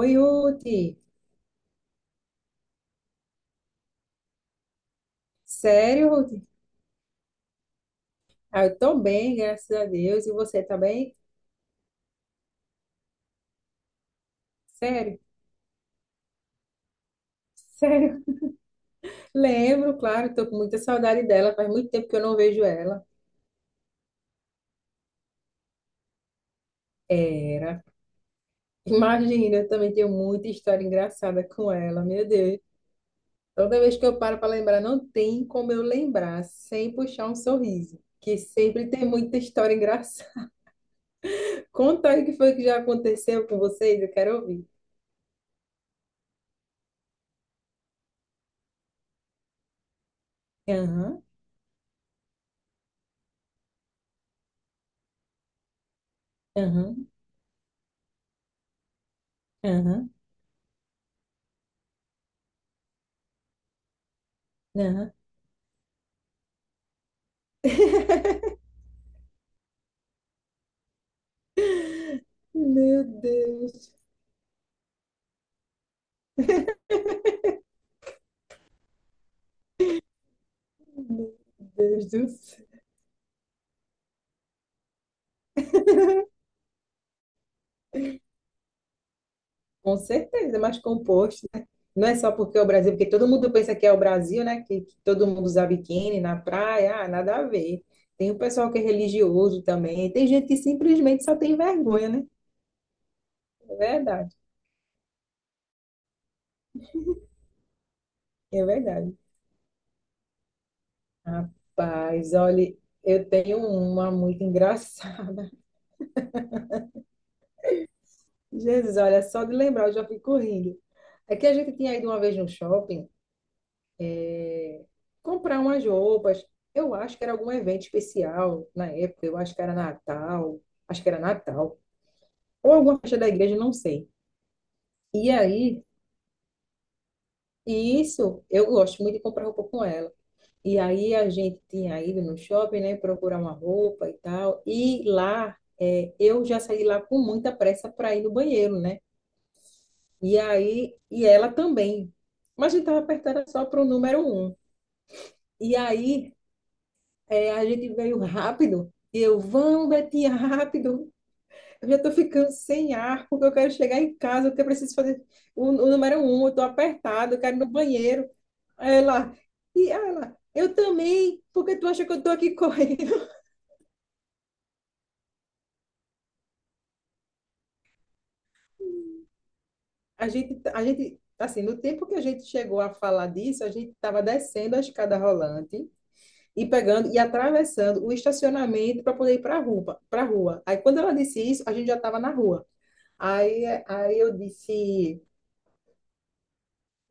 Oi, Ruth. Sério, Ruth? Ah, eu tô bem, graças a Deus. E você tá bem? Sério? Sério? Lembro, claro, tô com muita saudade dela. Faz muito tempo que eu não vejo ela. Era. Imagina, eu também tenho muita história engraçada com ela, meu Deus. Toda vez que eu paro para lembrar, não tem como eu lembrar sem puxar um sorriso, que sempre tem muita história engraçada. Conta aí o que foi que já aconteceu com vocês, eu quero ouvir. Aham, aham, aham, aham. Meu Deus. Meu Deus do céu. Com certeza, mas composto, né? Não é só porque é o Brasil, porque todo mundo pensa que é o Brasil, né? Que todo mundo usa biquíni na praia, ah, nada a ver. Tem o pessoal que é religioso também. Tem gente que simplesmente só tem vergonha, né? É verdade, é verdade. Rapaz, olha, eu tenho uma muito engraçada. Jesus, olha, só de lembrar eu já fico rindo. É que a gente tinha ido uma vez no shopping. Comprar umas roupas. Eu acho que era algum evento especial na época, eu acho que era Natal, acho que era Natal, ou alguma festa da igreja, não sei. E aí, e isso, eu gosto muito de comprar roupa com ela. E aí a gente tinha ido no shopping, né, procurar uma roupa e tal. E lá, é, eu já saí lá com muita pressa para ir no banheiro, né? E aí, e ela também. Mas a gente tava apertando só pro número um. E aí, é, a gente veio rápido. E eu, vamos, Betinha, rápido. Eu já tô ficando sem ar, porque eu quero chegar em casa, porque eu preciso fazer o número um, eu tô apertado, eu quero ir no banheiro. Aí ela, e ela, eu também, porque tu acha que eu tô aqui correndo? Assim, no tempo que a gente chegou a falar disso, a gente estava descendo a escada rolante e pegando e atravessando o estacionamento para poder ir para a rua, para rua. Aí quando ela disse isso, a gente já estava na rua. Aí eu disse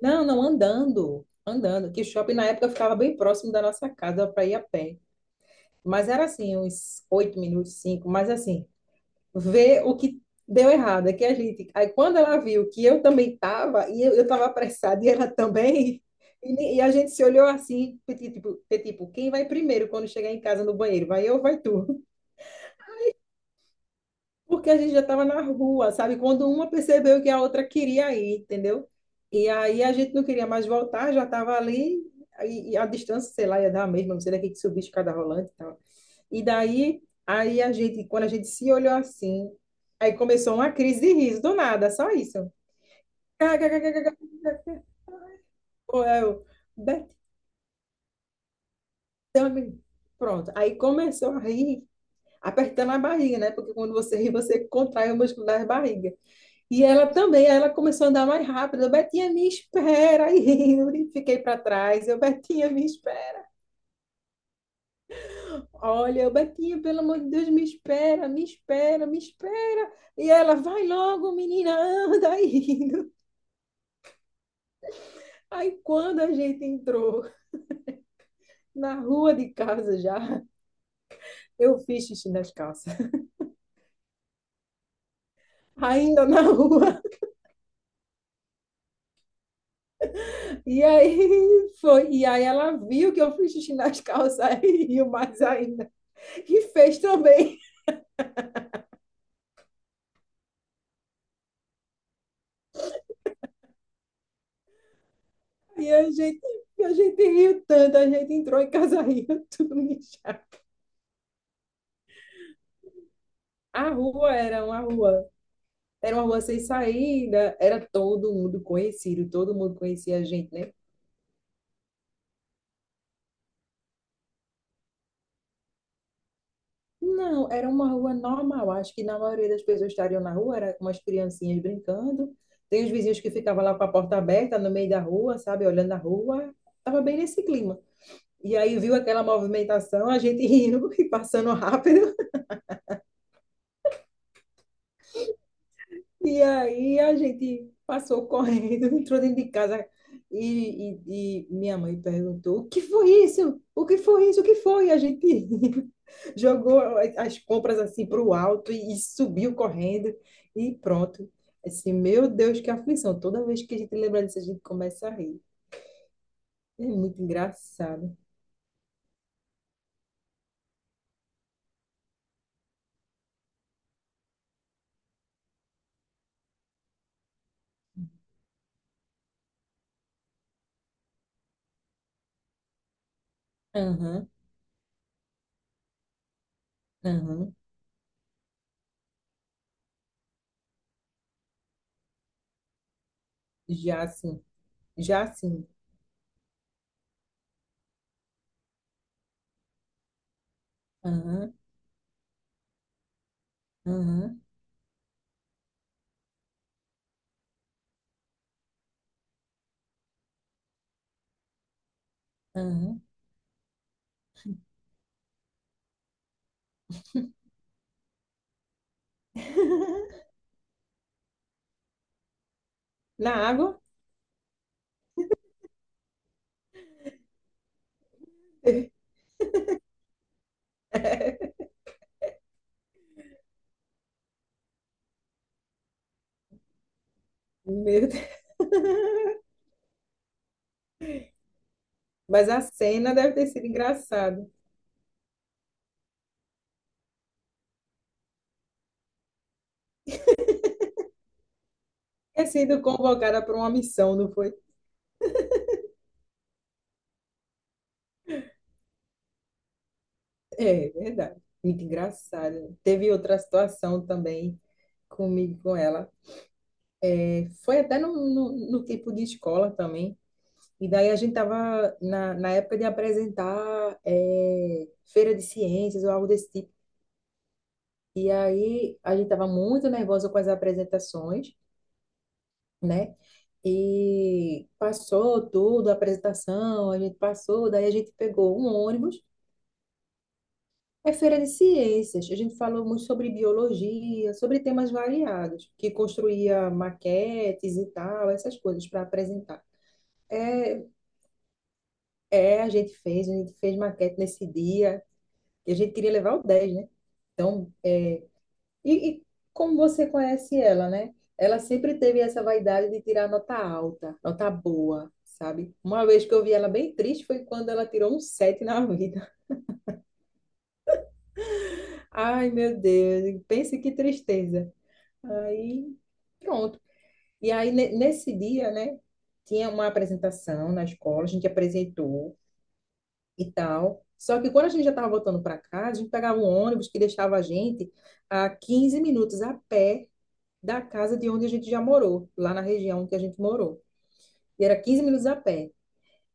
não, não, andando, andando. Que shopping na época ficava bem próximo da nossa casa para ir a pé. Mas era assim, uns 8 minutos, cinco. Mas assim, ver o que deu errado. É que a gente. Aí quando ela viu que eu também estava, e eu estava apressada, e ela também. E a gente se olhou assim, tipo, quem vai primeiro quando chegar em casa no banheiro? Vai eu ou vai tu? Porque a gente já estava na rua, sabe? Quando uma percebeu que a outra queria ir, entendeu? E aí a gente não queria mais voltar, já estava ali, e a distância, sei lá, ia dar a mesma, não sei daqui que subir escada rolante e tal. E daí, aí a gente, quando a gente se olhou assim, aí começou uma crise de riso, do nada, só isso. Ou eu, Betânia. Pronto. Aí começou a rir, apertando a barriga, né? Porque quando você ri, você contrai o músculo da barriga. E ela também, aí ela começou a andar mais rápido. Eu, Betinha, me espera. Aí eu fiquei para trás. Eu, Betinha, me espera. Olha, eu, Betinha, pelo amor de Deus, me espera, me espera, me espera. E ela, vai logo, menina, anda aí. Aí quando a gente entrou na rua de casa já, eu fiz xixi nas calças. Ainda na rua. E aí foi. E aí ela viu que eu fiz xixi nas calças e riu mais ainda. E fez também. E a gente riu tanto, a gente entrou em casa rindo, tudo mijado. A rua era uma rua, Era uma rua sem saída, era todo mundo conhecido, todo mundo conhecia a gente, né? Não, era uma rua normal. Acho que na maioria das pessoas estariam na rua, era com umas criancinhas brincando. Tem os vizinhos que ficavam lá com a porta aberta no meio da rua, sabe, olhando a rua. Tava bem nesse clima. E aí viu aquela movimentação, a gente rindo e passando rápido. E aí a gente passou correndo, entrou dentro de casa e minha mãe perguntou: O que foi isso? O que foi isso? O que foi? E a gente jogou as compras assim para o alto e subiu correndo e pronto. Assim, meu Deus, que aflição! Toda vez que a gente lembra disso, a gente começa a rir. É muito engraçado. Aham, aham, já sim, já sim. Aham, aham, aham. Na água? Meu Deus. Mas a cena deve ter sido engraçada. Ter sido convocada para uma missão, não foi? É, é verdade. Muito engraçada. Teve outra situação também comigo, com ela. É, foi até no tipo de escola também. E daí a gente estava na, na época de apresentar é, feira de ciências ou algo desse tipo. E aí a gente estava muito nervosa com as apresentações, né? E passou tudo, a apresentação, a gente passou, daí a gente pegou um ônibus. É feira de ciências. A gente falou muito sobre biologia, sobre temas variados, que construía maquetes e tal, essas coisas para apresentar. É, é, a gente fez maquete nesse dia, e a gente queria levar o 10, né? Então, é. e, e Como você conhece ela, né? Ela sempre teve essa vaidade de tirar nota alta, nota boa, sabe? Uma vez que eu vi ela bem triste foi quando ela tirou um 7 na vida. Ai, meu Deus, pense que tristeza. Aí. Pronto. Nesse dia, né, tinha uma apresentação na escola, a gente apresentou e tal. Só que quando a gente já estava voltando para casa, a gente pegava um ônibus que deixava a gente a 15 minutos a pé da casa de onde a gente já morou, lá na região que a gente morou. E era 15 minutos a pé.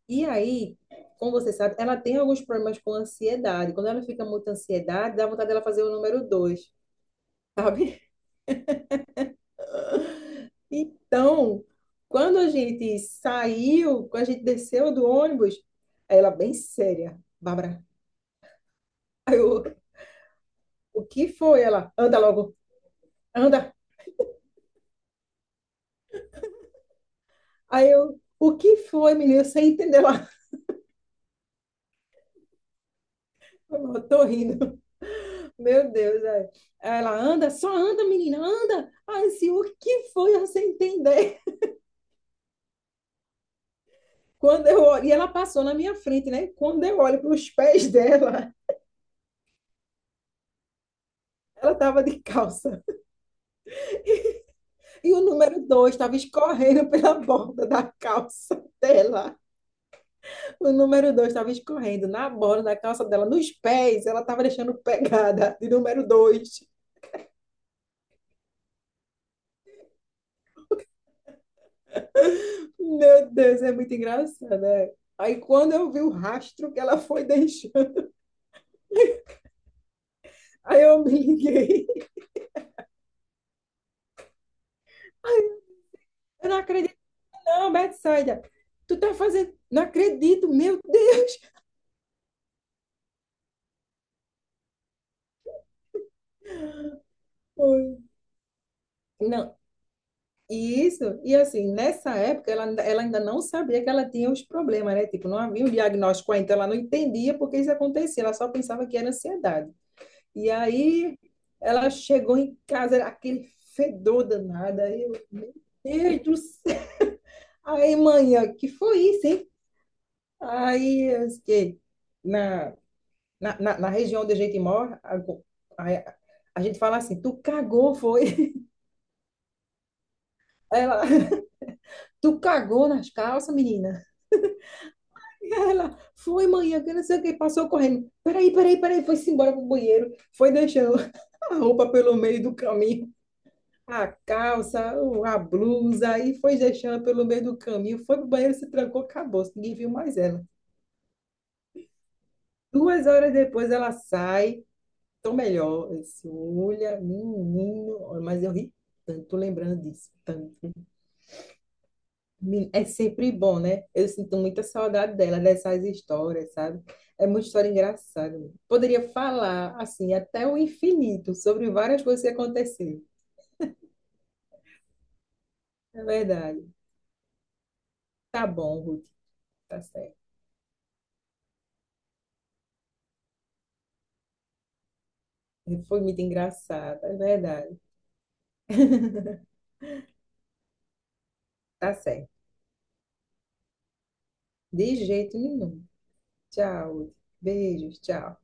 E aí, como você sabe, ela tem alguns problemas com ansiedade. Quando ela fica muito ansiedade, dá vontade dela fazer o número dois, sabe? Então, quando a gente saiu, quando a gente desceu do ônibus, aí ela bem séria, Bárbara. Aí eu, o que foi? Ela, anda logo, anda. Aí eu, o que foi, menina? Sem entender lá. Eu tô rindo. Meu Deus, é. Aí ela, anda, só anda, menina, anda. Aí eu, assim, o que foi? Eu sem entender. Quando eu olho, e ela passou na minha frente, né? Quando eu olho para os pés dela, ela tava de calça. E o número dois estava escorrendo pela borda da calça dela. O número dois estava escorrendo na borda da calça dela, nos pés. Ela estava deixando pegada de número dois. Meu Deus, é muito engraçado, né? Aí quando eu vi o rastro que ela foi deixando, aí eu me liguei. Ai, eu não acredito, não, Betsaida. Tu tá fazendo. Não acredito, meu Deus. Não, isso, e assim, nessa época ela, ela ainda não sabia que ela tinha os problemas, né? Tipo, não havia um diagnóstico ainda, então ela não entendia por que isso acontecia, ela só pensava que era ansiedade. E aí ela chegou em casa, era aquele fedor danado, aí eu, meu Deus do céu! Aí, manhã, que foi isso, hein? Aí, eu disse que na, na região onde a gente mora, a, a gente fala assim, tu cagou, foi? Aí ela, tu cagou nas calças, menina? E ela foi, mãe, que não sei o que, passou correndo. Peraí, peraí, peraí, foi-se embora pro banheiro, foi deixando a roupa pelo meio do caminho, a calça, a blusa, aí foi deixando pelo meio do caminho, foi pro banheiro, se trancou, acabou, ninguém viu mais ela. 2 horas depois ela sai, tô melhor. Eu disse, olha, menino, olha, mas eu ri tanto lembrando disso, tanto. É sempre bom, né? Eu sinto muita saudade dela, dessas histórias, sabe? É muita história engraçada. Né? Poderia falar, assim, até o infinito sobre várias coisas que aconteceram. É verdade. Tá bom, Ruth, tá certo. Foi muito engraçado, é verdade. Tá certo. De jeito nenhum. Tchau, Ruth. Beijos, tchau.